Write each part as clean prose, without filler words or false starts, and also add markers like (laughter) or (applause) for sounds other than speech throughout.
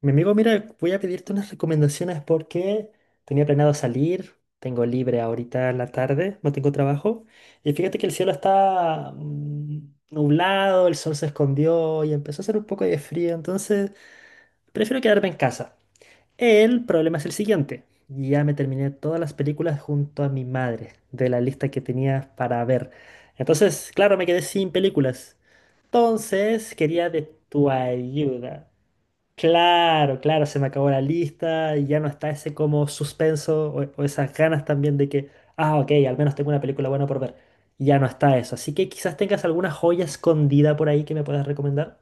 Mi amigo, mira, voy a pedirte unas recomendaciones porque tenía planeado salir, tengo libre ahorita en la tarde, no tengo trabajo. Y fíjate que el cielo está nublado, el sol se escondió y empezó a hacer un poco de frío, entonces prefiero quedarme en casa. El problema es el siguiente. Ya me terminé todas las películas junto a mi madre de la lista que tenía para ver. Entonces, claro, me quedé sin películas. Entonces, quería de tu ayuda. Claro, claro, se me acabó la lista y ya no está ese como suspenso o esas ganas también de que, ah, ok, al menos tengo una película buena por ver. Ya no está eso. Así que quizás tengas alguna joya escondida por ahí que me puedas recomendar.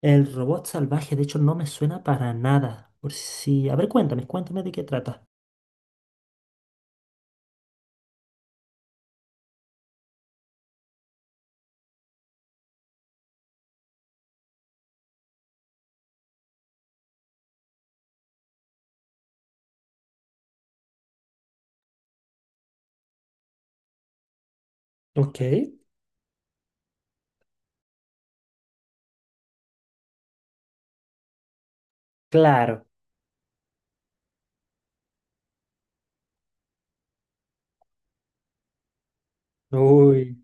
El robot salvaje, de hecho, no me suena para nada. Por si... A ver, cuéntame, cuéntame de qué trata. Ok, claro. Uy.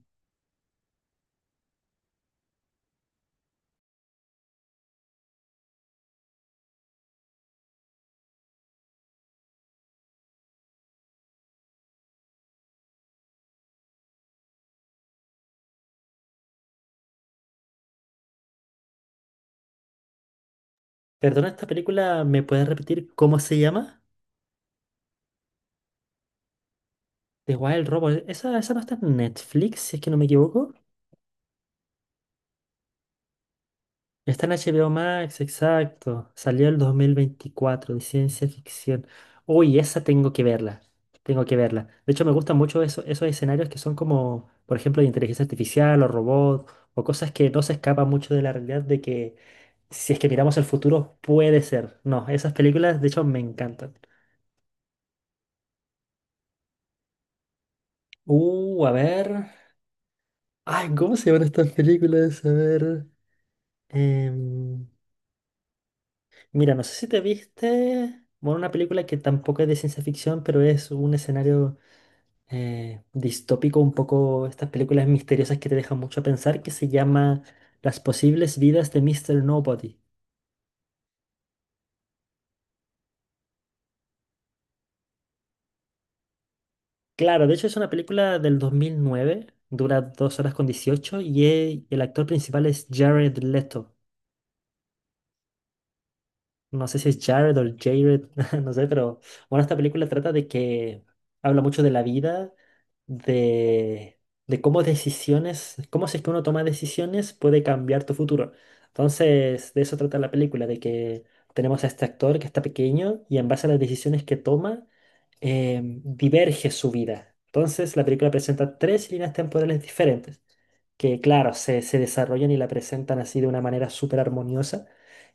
Perdona, esta película, ¿me puedes repetir cómo se llama? The Wild Robot. Esa no está en Netflix, si es que no me equivoco. Está en H B O Max, exacto. Salió el 2024 de ciencia ficción. Uy, esa tengo que verla. Tengo que verla. De hecho, me gustan mucho esos escenarios que son como, por ejemplo, de inteligencia artificial o robot o cosas que no se escapan mucho de la realidad de que si es que miramos el futuro puede ser. No, esas películas, de hecho, me encantan. A ver. Ay, ¿cómo se llaman estas películas? A ver. em, Mira, no sé si te viste, bueno, una película que tampoco es de ciencia ficción, pero es un escenario distópico, un poco estas películas misteriosas que te dejan mucho a pensar, que se llama Las posibles vidas de Mister Nobody. Claro, de hecho es una película del 2009, dura 2 horas con 18 y el actor principal es Jared Leto. No sé si es Jared o Jared, (laughs) no sé, pero bueno, esta película trata de que habla mucho de la vida, de, de cómo decisiones, cómo si es que uno toma decisiones puede cambiar tu futuro. Entonces, de eso trata la película, de que tenemos a este actor que está pequeño y en base a las decisiones que toma, diverge su vida. Entonces, la película presenta tres líneas temporales diferentes, que claro, se desarrollan y la presentan así de una manera súper armoniosa.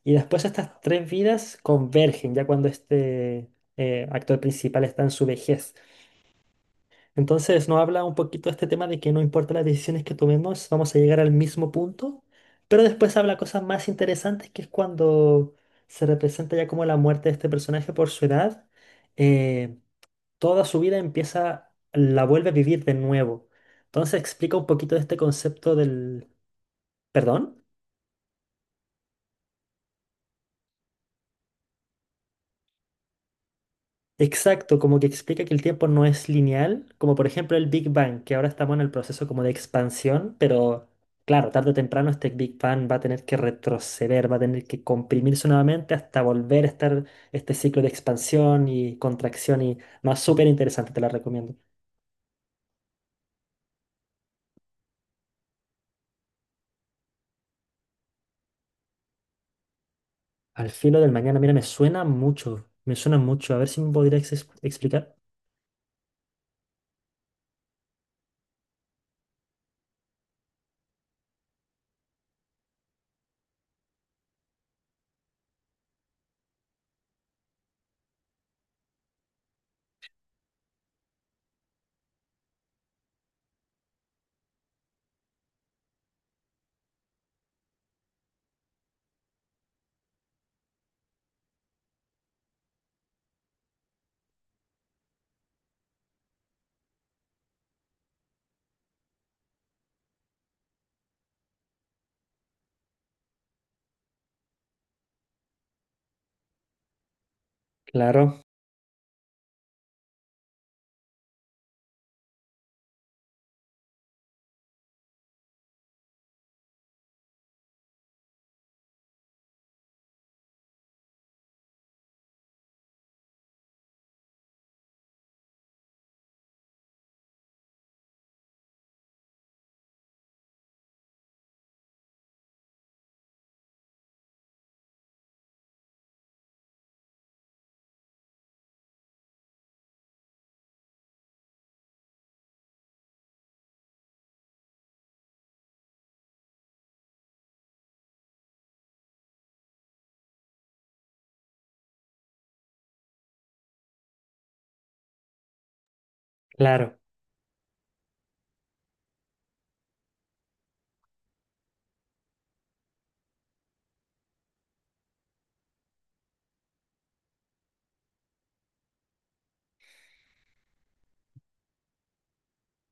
Y después estas tres vidas convergen ya cuando este actor principal está en su vejez. Entonces nos habla un poquito de este tema de que no importa las decisiones que tomemos, vamos a llegar al mismo punto. Pero después habla cosas más interesantes, que es cuando se representa ya como la muerte de este personaje por su edad. eh, Toda su vida empieza, la vuelve a vivir de nuevo. Entonces explica un poquito de este concepto del perdón. Exacto, como que explica que el tiempo no es lineal, como por ejemplo el Big Bang, que ahora estamos en el proceso como de expansión, pero claro, tarde o temprano este Big Bang va a tener que retroceder, va a tener que comprimirse nuevamente hasta volver a estar este ciclo de expansión y contracción y no, súper interesante, te la recomiendo. Al filo del mañana, mira, me suena mucho, a ver si me podrías explicar. Claro, claro.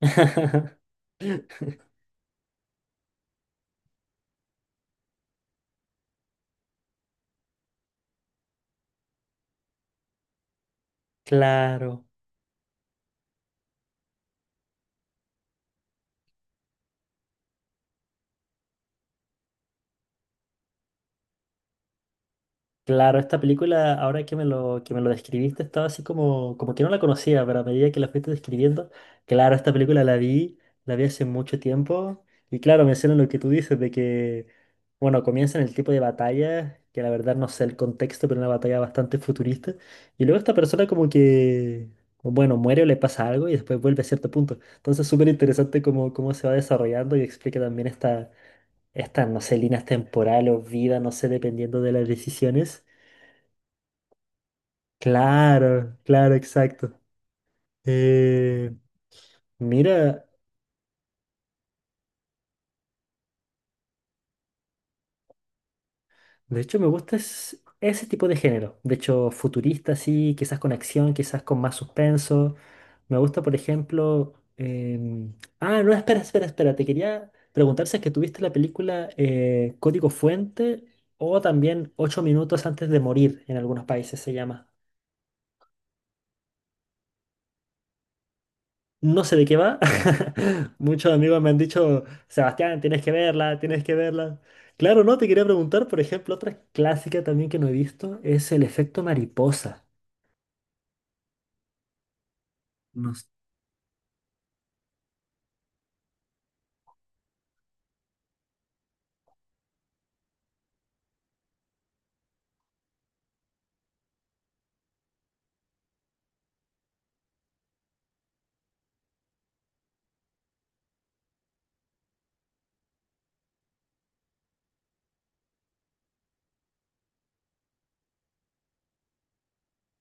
(laughs) Claro. Claro, esta película, ahora que que me lo describiste, estaba así como, como que no la conocía, pero a medida que la fuiste describiendo, claro, esta película la vi hace mucho tiempo, y claro, mencionan lo que tú dices, de que, bueno, comienzan el tipo de batalla, que la verdad no sé el contexto, pero una batalla bastante futurista, y luego esta persona como que, bueno, muere o le pasa algo y después vuelve a cierto punto. Entonces, súper interesante cómo, cómo se va desarrollando y explica también esta, estas, no sé, líneas temporales o vida, no sé, dependiendo de las decisiones. Claro, claro, exacto. Eh, Mira, de hecho me gusta ese tipo de género. De hecho, futurista, sí, quizás con acción, quizás con más suspenso. Me gusta, por ejemplo. Ah, no, espera, espera, espera. Te quería preguntar si es que tuviste la película Código Fuente o también Ocho minutos antes de morir en algunos países se llama. No sé de qué va. (laughs) Muchos amigos me han dicho, Sebastián, tienes que verla, tienes que verla. Claro, no, te quería preguntar, por ejemplo, otra clásica también que no he visto es el efecto mariposa. No.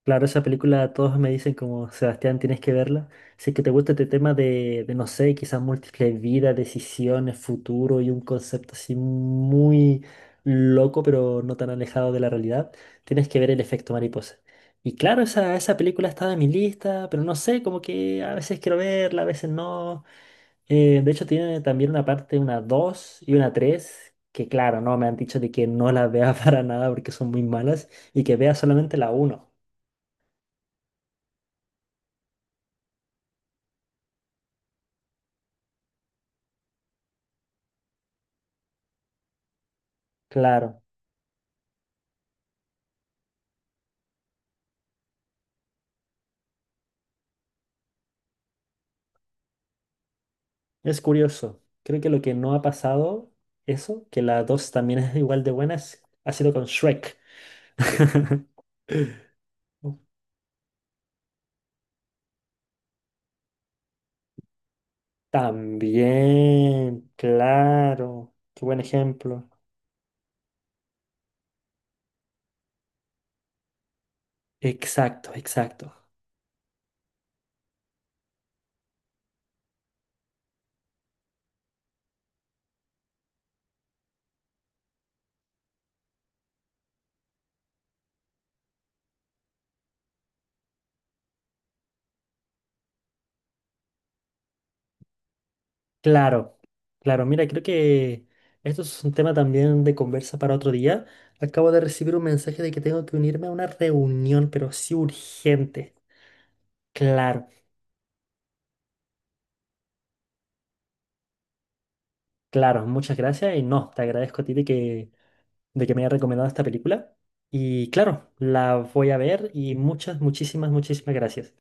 Claro, esa película todos me dicen como, Sebastián, tienes que verla. Si es que te gusta este tema de, no sé, quizás múltiples vidas, decisiones, futuro y un concepto así muy loco, pero no tan alejado de la realidad, tienes que ver El efecto mariposa. Y claro, esa película estaba en mi lista, pero no sé, como que a veces quiero verla, a veces no. De hecho, tiene también una parte, una 2 y una 3 que claro, no, me han dicho de que no las vea (laughs) para nada porque son muy malas y que vea solamente la uno. Claro. Es curioso. Creo que lo que no ha pasado, eso, que la 2 también es igual de buena, ha sido con Shrek. (laughs) También, claro. Qué buen ejemplo. Exacto, exacto. Claro, claro. Mira, creo que esto es un tema también de conversa para otro día. Acabo de recibir un mensaje de que tengo que unirme a una reunión, pero sí urgente. Claro, claro. Muchas gracias y no, te agradezco a ti de que me haya recomendado esta película. Y claro, la voy a ver y muchas, muchísimas, muchísimas gracias.